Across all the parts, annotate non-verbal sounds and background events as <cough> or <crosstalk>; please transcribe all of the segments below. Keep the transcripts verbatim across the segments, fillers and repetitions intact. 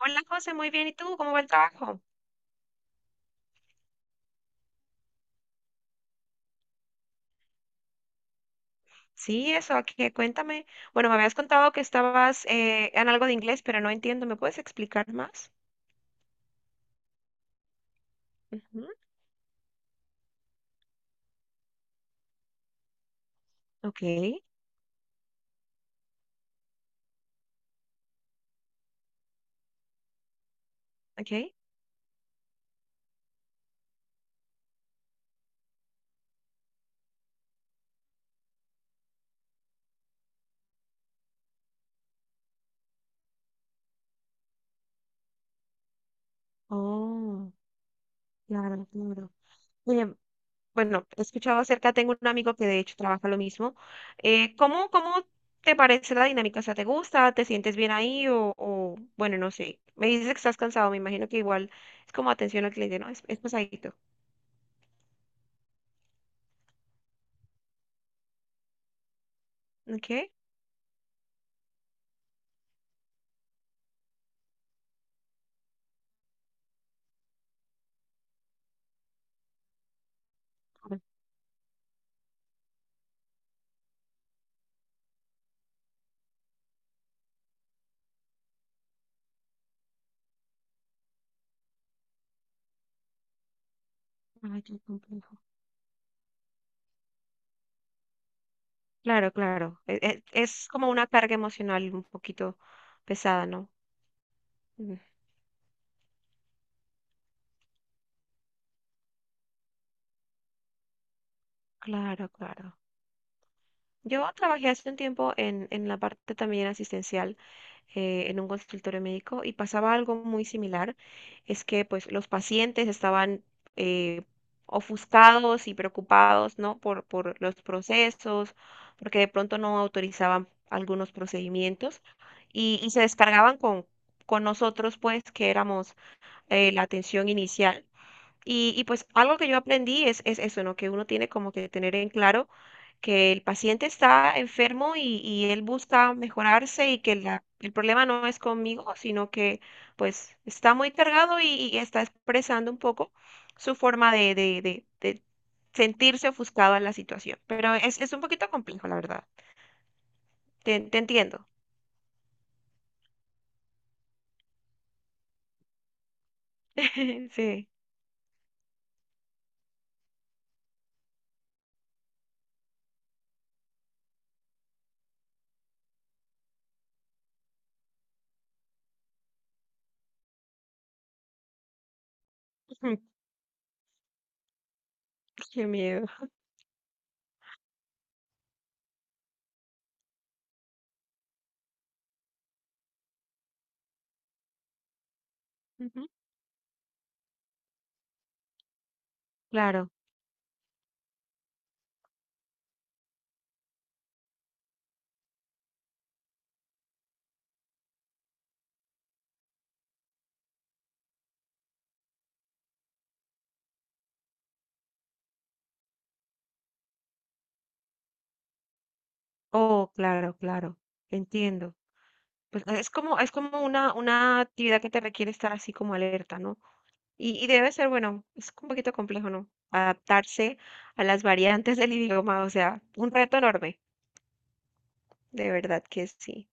Hola José, muy bien. ¿Y tú? ¿Cómo va el trabajo? Sí, eso, aquí, cuéntame. Bueno, me habías contado que estabas eh, en algo de inglés, pero no entiendo. ¿Me puedes explicar más? Ujú. Ok, ok. Oh, claro, claro. Oye, bueno, he escuchado acerca, tengo un amigo que de hecho trabaja lo mismo. Eh, ¿cómo, cómo te parece la dinámica? O sea, ¿te gusta? ¿Te sientes bien ahí? O, o, bueno, no sé. Me dices que estás cansado, me imagino que igual es como atención al cliente, ¿no? Es, es pesadito. Ok. Ay, qué complejo. Claro, claro. E- e- Es como una carga emocional un poquito pesada, ¿no? Mm. Claro, claro. Yo trabajé hace un tiempo en, en la parte también asistencial, eh, en un consultorio médico, y pasaba algo muy similar. Es que pues los pacientes estaban, eh, ofuscados y preocupados, ¿no? Por, por los procesos, porque de pronto no autorizaban algunos procedimientos y, y se descargaban con, con nosotros, pues, que éramos, eh, la atención inicial. Y, y pues algo que yo aprendí es, es eso, ¿no? Que uno tiene como que tener en claro que el paciente está enfermo y, y él busca mejorarse, y que la- el problema no es conmigo, sino que pues está muy cargado y, y está expresando un poco su forma de, de, de- de sentirse ofuscado en la situación. Pero es, es un poquito complejo, la verdad. Te, te entiendo. <laughs> Sí. <laughs> Qué miedo. Ujú. Claro. Oh, claro, claro. Entiendo. Pues, ah, es como es como una una actividad que te requiere estar así como alerta, ¿no? Y y debe ser, bueno, es un poquito complejo, ¿no? Adaptarse a las variantes del idioma, o sea, un reto enorme, de verdad que sí.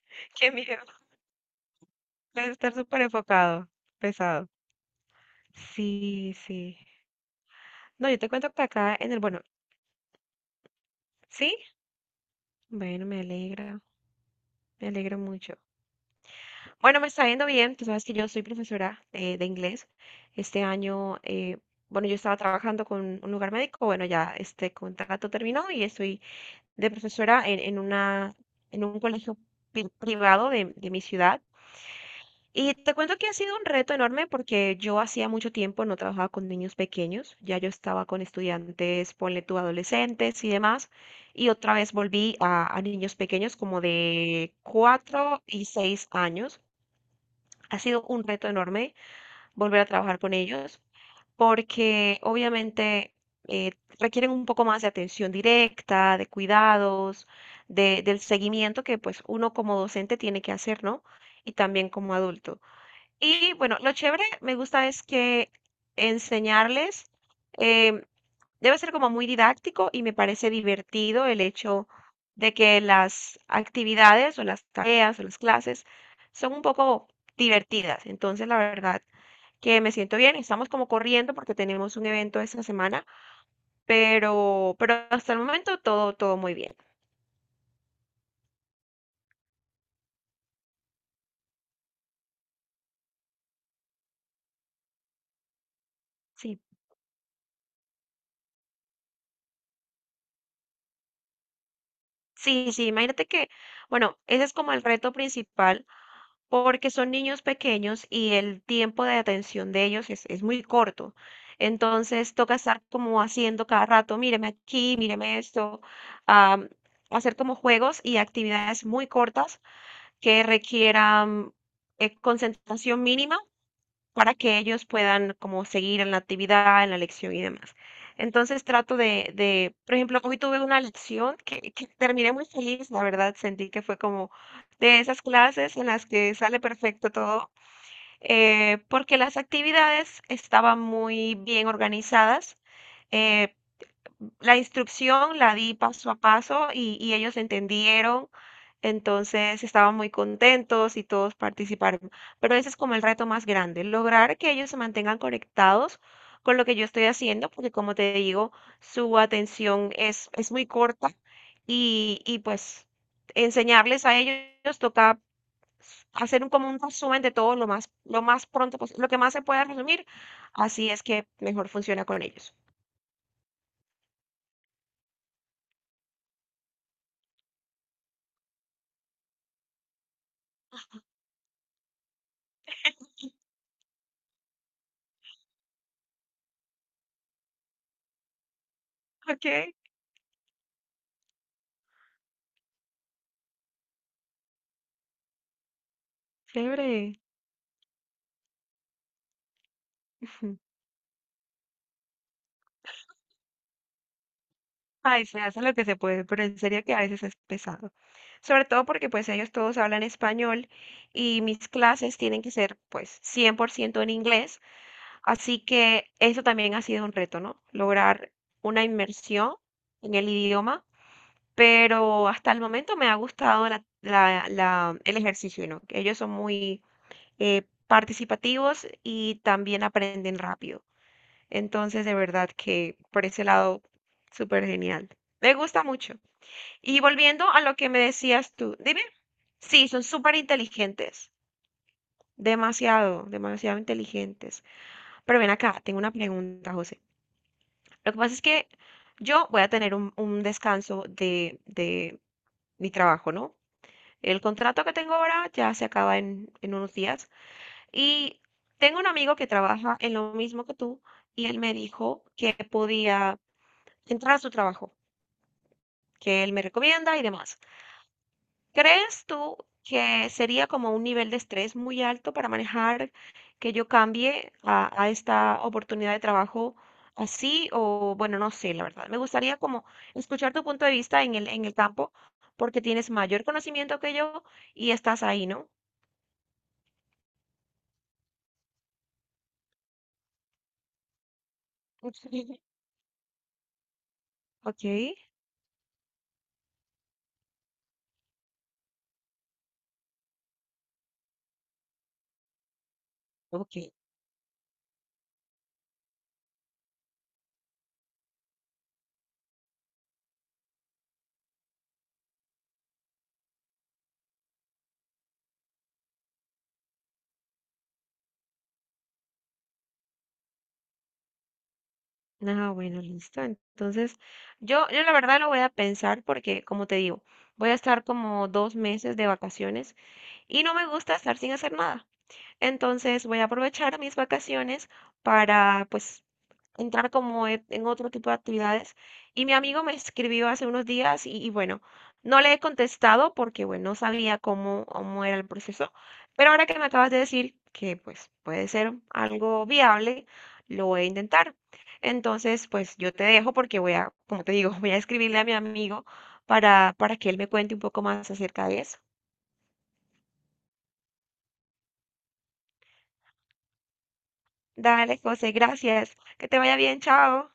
<laughs> Qué miedo, debe estar súper enfocado, pesado. Sí, sí. No, yo te cuento que acá en el, bueno, ¿sí? Bueno, me alegra, me alegra mucho. Bueno, me está yendo bien. Tú sabes que yo soy profesora de, de inglés. Este año, eh, bueno, yo estaba trabajando con un lugar médico. Bueno, ya este contrato terminó y estoy de profesora en, en una, en un colegio pri- privado de, de mi ciudad. Y te cuento que ha sido un reto enorme porque yo hacía mucho tiempo no trabajaba con niños pequeños. Ya yo estaba con estudiantes, ponle tú, adolescentes y demás. Y otra vez volví a, a niños pequeños como de cuatro y seis años. Ha sido un reto enorme volver a trabajar con ellos porque obviamente, eh, requieren un poco más de atención directa, de cuidados, de, del seguimiento que pues uno como docente tiene que hacer, ¿no? Y también como adulto. Y bueno, lo chévere me gusta es que enseñarles, em, debe ser como muy didáctico, y me parece divertido el hecho de que las actividades o las tareas o las clases son un poco divertidas. Entonces, la verdad que me siento bien. Estamos como corriendo porque tenemos un evento esta semana, pero, pero hasta el momento todo, todo muy bien. Sí, sí, sí. Imagínate que, bueno, ese es como el reto principal porque son niños pequeños y el tiempo de atención de ellos es, es muy corto. Entonces toca estar como haciendo cada rato, míreme aquí, míreme esto, am, hacer como juegos y actividades muy cortas que requieran, eh, concentración mínima para que ellos puedan como seguir en la actividad, en la lección y demás. Entonces trato de, de, por ejemplo, hoy tuve una lección que, que terminé muy feliz, la verdad. Sentí que fue como de esas clases en las que sale perfecto todo, eh, porque las actividades estaban muy bien organizadas. eh, la instrucción la di paso a paso y, y ellos entendieron, entonces estaban muy contentos y todos participaron. Pero ese es como el reto más grande: lograr que ellos se mantengan conectados con lo que yo estoy haciendo, porque como te digo, su atención es, es muy corta, y, y pues enseñarles a ellos toca hacer un, como un resumen de todo lo más, lo más pronto posible, lo que más se pueda resumir. Así es que mejor funciona con ellos. Ok, chévere. Ujú. Ay, se hace lo que se puede, pero en serio que a veces es pesado. Sobre todo porque pues ellos todos hablan español y mis clases tienen que ser pues cien por ciento en inglés, así que eso también ha sido un reto, ¿no? Lograr una inmersión en el idioma, pero hasta el momento me ha gustado la- la- la- el ejercicio, ¿no? Que ellos son muy, eh, participativos, y también aprenden rápido. Entonces, de verdad que por ese lado, súper genial. Me gusta mucho. Y volviendo a lo que me decías tú, dime, sí, son súper inteligentes, demasiado, demasiado inteligentes. Pero ven acá, tengo una pregunta, José. Lo que pasa es que yo voy a tener un, un descanso de, de mi trabajo, ¿no? El contrato que tengo ahora ya se acaba en, en unos días, y tengo un amigo que trabaja en lo mismo que tú, y él me dijo que podía entrar a su trabajo. Que él me recomienda y demás. ¿Crees tú que sería como un nivel de estrés muy alto para manejar, que yo cambie a, a esta oportunidad de trabajo así? O bueno, no sé, la verdad. Me gustaría como escuchar tu punto de vista en el, en el campo, porque tienes mayor conocimiento que yo y estás ahí, ¿no? <laughs> Ok, ok. Ah, bueno, listo. Entonces, yo, yo la verdad lo voy a pensar porque, como te digo, voy a estar como dos meses de vacaciones. Y no me gusta estar sin hacer nada. Entonces voy a aprovechar mis vacaciones para pues entrar como e- en otro tipo de actividades. Y mi amigo me escribió hace unos días y, y bueno, no le he contestado porque bueno, no sabía cómo, cómo era el proceso, pero ahora que me acabas de decir que pues puede ser algo viable, lo voy a intentar. Entonces, pues yo te dejo porque voy a, como te digo, <laughs> voy a escribirle a mi amigo para, para que él me cuente un poco más acerca de eso. Dale, José, gracias. Que te vaya bien, chao.